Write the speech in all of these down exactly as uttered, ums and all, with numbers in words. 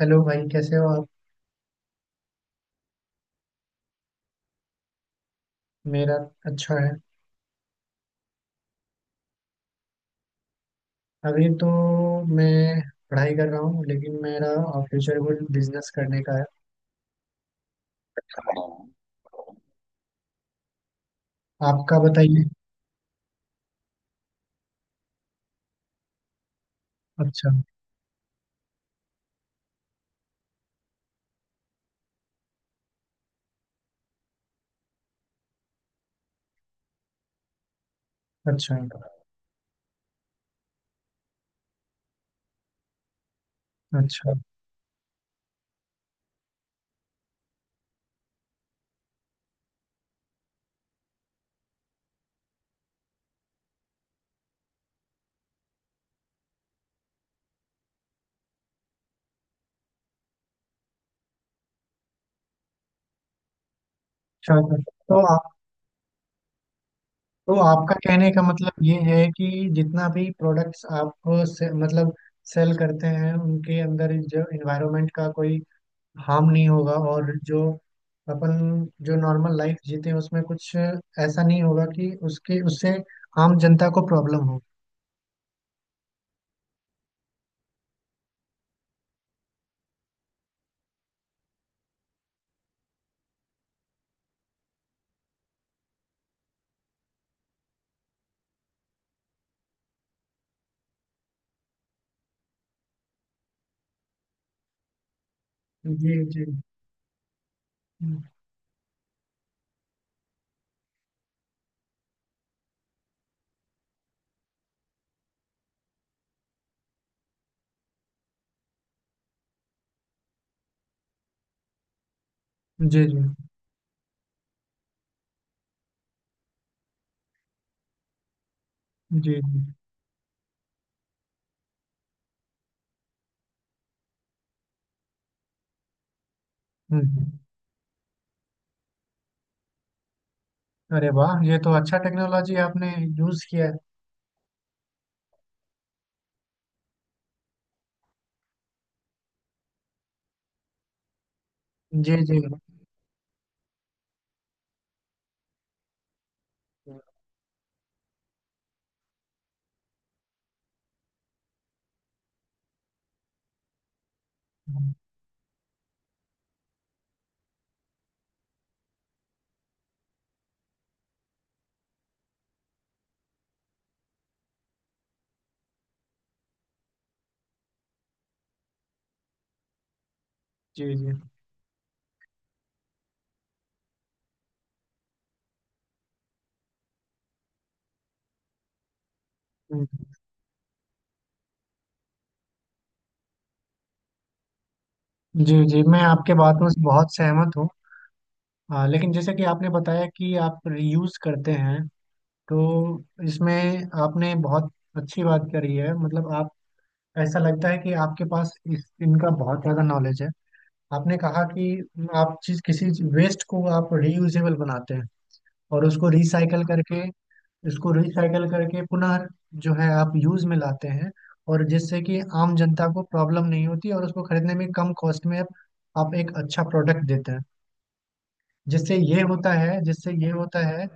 Hello भाई, कैसे हो आप? मेरा अच्छा है। अभी तो मैं पढ़ाई कर रहा हूँ, लेकिन मेरा फ्यूचर गोल बिजनेस करने का है। आपका बताइए। अच्छा, अच्छा, अच्छा, अच्छा। तो आप तो आपका कहने का मतलब ये है कि जितना भी प्रोडक्ट्स आप से, मतलब सेल करते हैं, उनके अंदर जो इन्वायरमेंट का कोई हार्म नहीं होगा, और जो अपन जो नॉर्मल लाइफ जीते हैं उसमें कुछ ऐसा नहीं होगा कि उसके उससे आम जनता को प्रॉब्लम हो। जी जी, जी जी, जी जी। हम्म। अरे वाह, ये तो अच्छा टेक्नोलॉजी आपने यूज किया है। जी जी, जी जी। हम्म। जी जी, मैं आपके बातों से बहुत सहमत हूँ। हाँ, लेकिन जैसे कि आपने बताया कि आप रीयूज करते हैं, तो इसमें आपने बहुत अच्छी बात करी है। मतलब आप, ऐसा लगता है कि आपके पास इस इनका बहुत ज़्यादा नॉलेज है। आपने कहा कि आप चीज किसी वेस्ट को आप रीयूजेबल बनाते हैं, और उसको रिसाइकल करके, इसको रिसाइकल करके पुनः जो है आप यूज में लाते हैं, और जिससे कि आम जनता को प्रॉब्लम नहीं होती, और उसको खरीदने में कम कॉस्ट में आप, आप एक अच्छा प्रोडक्ट देते हैं। जिससे ये होता है जिससे ये होता है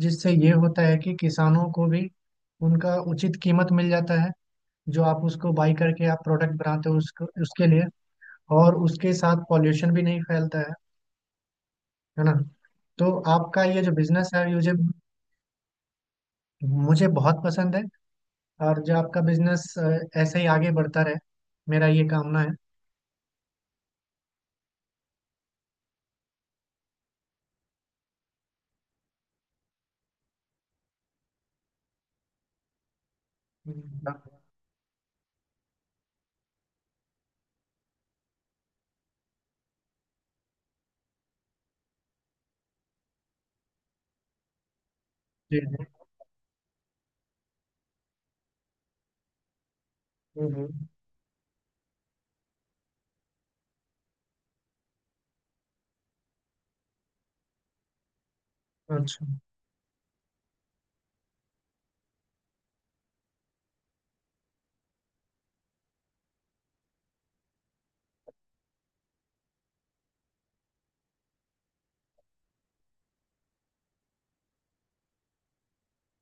जिससे ये होता है कि किसानों को भी उनका उचित कीमत मिल जाता है, जो आप उसको बाई करके आप प्रोडक्ट बनाते हो उसको उसके लिए, और उसके साथ पॉल्यूशन भी नहीं फैलता है है ना। तो आपका ये जो बिजनेस है, ये मुझे मुझे बहुत पसंद है। और जो आपका बिजनेस ऐसे ही आगे बढ़ता रहे, मेरा ये कामना है। जी जी। हम्म, हम्म। अच्छा,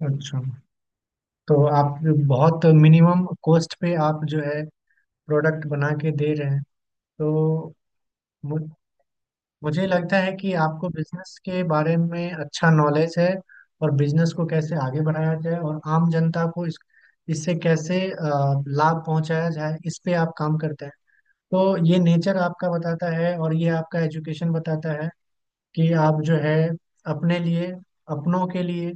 अच्छा। तो आप बहुत मिनिमम कॉस्ट पे आप जो है प्रोडक्ट बना के दे रहे हैं। तो मुझे लगता है कि आपको बिजनेस के बारे में अच्छा नॉलेज है, और बिजनेस को कैसे आगे बढ़ाया जाए, और आम जनता को इस इससे कैसे अ, लाभ पहुंचाया जाए, इस पे आप काम करते हैं। तो ये नेचर आपका बताता है और ये आपका एजुकेशन बताता है कि आप जो है, अपने लिए, अपनों के लिए,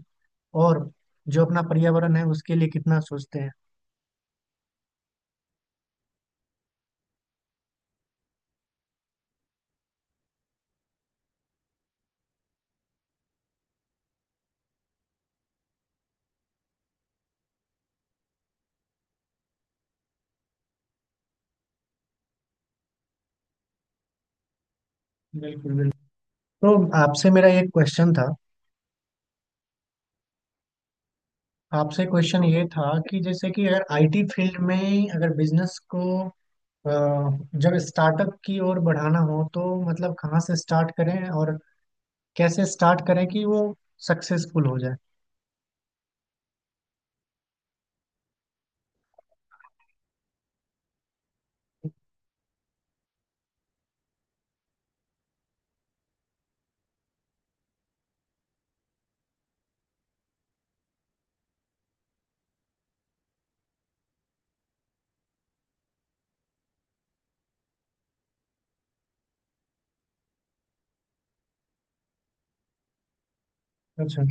और जो अपना पर्यावरण है उसके लिए कितना सोचते हैं। बिल्कुल, बिल्कुल। तो आपसे मेरा एक क्वेश्चन था। आपसे क्वेश्चन ये था कि जैसे कि अगर आईटी फील्ड में, अगर बिजनेस को अ, जब स्टार्टअप की ओर बढ़ाना हो, तो मतलब कहाँ से स्टार्ट करें और कैसे स्टार्ट करें कि वो सक्सेसफुल हो जाए। अच्छा।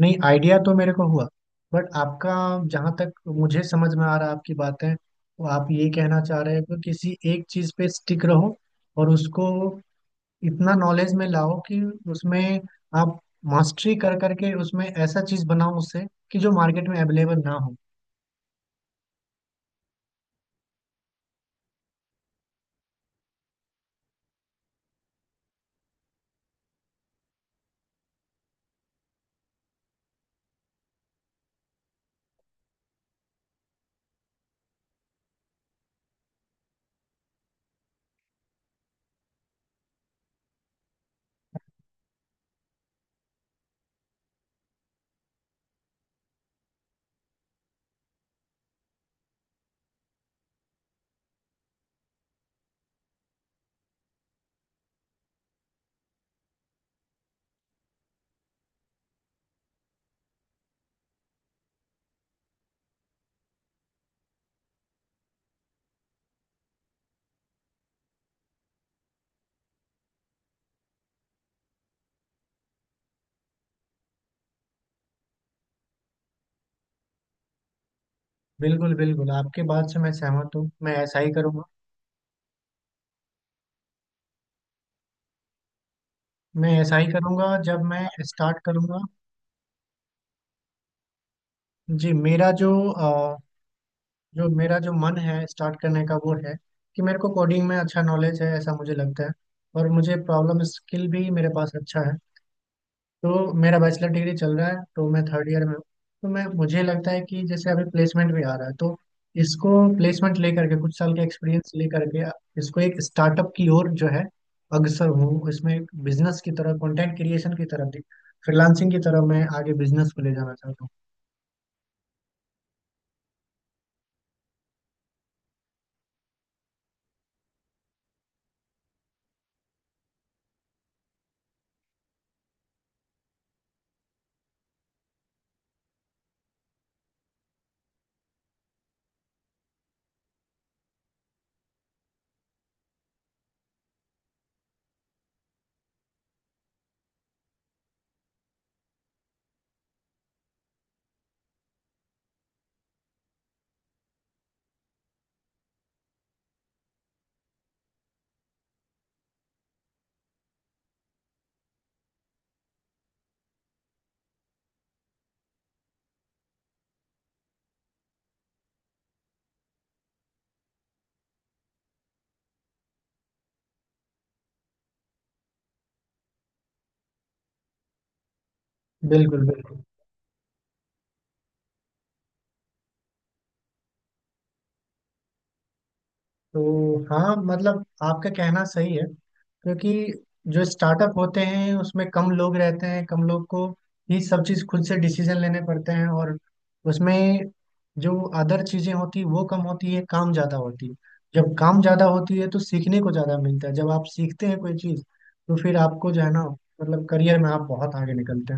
नहीं, आइडिया तो मेरे को हुआ, बट आपका, जहाँ तक मुझे समझ में आ रहा है आपकी बातें, वो आप ये कहना चाह रहे हो कि किसी एक चीज़ पे स्टिक रहो, और उसको इतना नॉलेज में लाओ कि उसमें आप मास्टरी कर करके उसमें ऐसा चीज़ बनाओ उससे, कि जो मार्केट में अवेलेबल ना हो। बिल्कुल, बिल्कुल, आपके बात से मैं सहमत हूँ। मैं ऐसा ही करूँगा मैं ऐसा ही करूंगा जब मैं स्टार्ट करूंगा। जी, मेरा जो अ, जो मेरा जो मन है स्टार्ट करने का वो है कि मेरे को कोडिंग में अच्छा नॉलेज है, ऐसा मुझे लगता है, और मुझे प्रॉब्लम स्किल भी मेरे पास अच्छा है। तो मेरा बैचलर डिग्री चल रहा है, तो मैं थर्ड ईयर में हूँ। तो मैं मुझे लगता है कि जैसे अभी प्लेसमेंट भी आ रहा है, तो इसको प्लेसमेंट लेकर के कुछ साल का एक्सपीरियंस लेकर के इसको एक स्टार्टअप की ओर जो है अग्रसर हूँ, इसमें एक बिजनेस की तरह कंटेंट क्रिएशन की तरफ, फ्रीलांसिंग की तरफ मैं आगे बिजनेस को ले जाना चाहता हूँ। बिल्कुल, बिल्कुल। तो हाँ, मतलब आपका कहना सही है, क्योंकि जो स्टार्टअप होते हैं उसमें कम लोग रहते हैं, कम लोग को ही सब चीज़ खुद से डिसीजन लेने पड़ते हैं। और उसमें जो अदर चीज़ें होती है वो कम होती है, काम ज़्यादा होती है। जब काम ज़्यादा होती है तो सीखने को ज़्यादा मिलता है। जब आप सीखते हैं कोई चीज़, तो फिर आपको जो है ना, मतलब करियर में आप बहुत आगे निकलते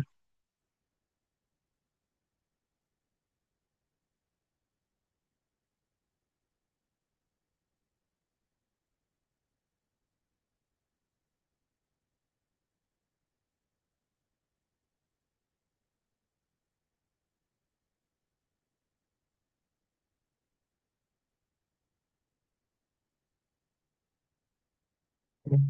हैं।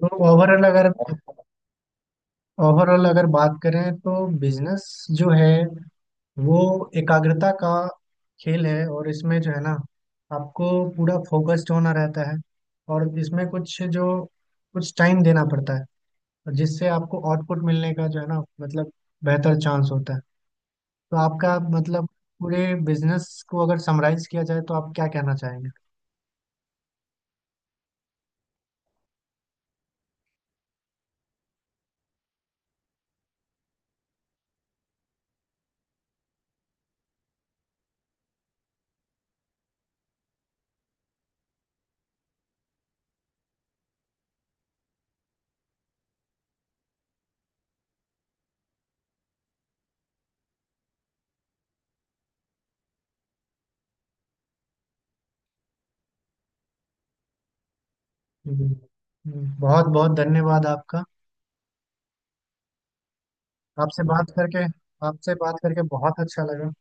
तो ओवरऑल अगर ओवरऑल अगर बात करें, तो बिजनेस जो है वो एकाग्रता का खेल है, और इसमें जो है ना, आपको पूरा फोकस्ड होना रहता है। और इसमें कुछ जो कुछ टाइम देना पड़ता है, और जिससे आपको आउटपुट मिलने का जो है ना, मतलब, बेहतर चांस होता है। तो आपका मतलब, पूरे बिजनेस को अगर समराइज किया जाए, तो आप क्या कहना चाहेंगे? जी। हम्म, बहुत बहुत धन्यवाद आपका। आपसे बात करके आपसे बात करके बहुत अच्छा लगा।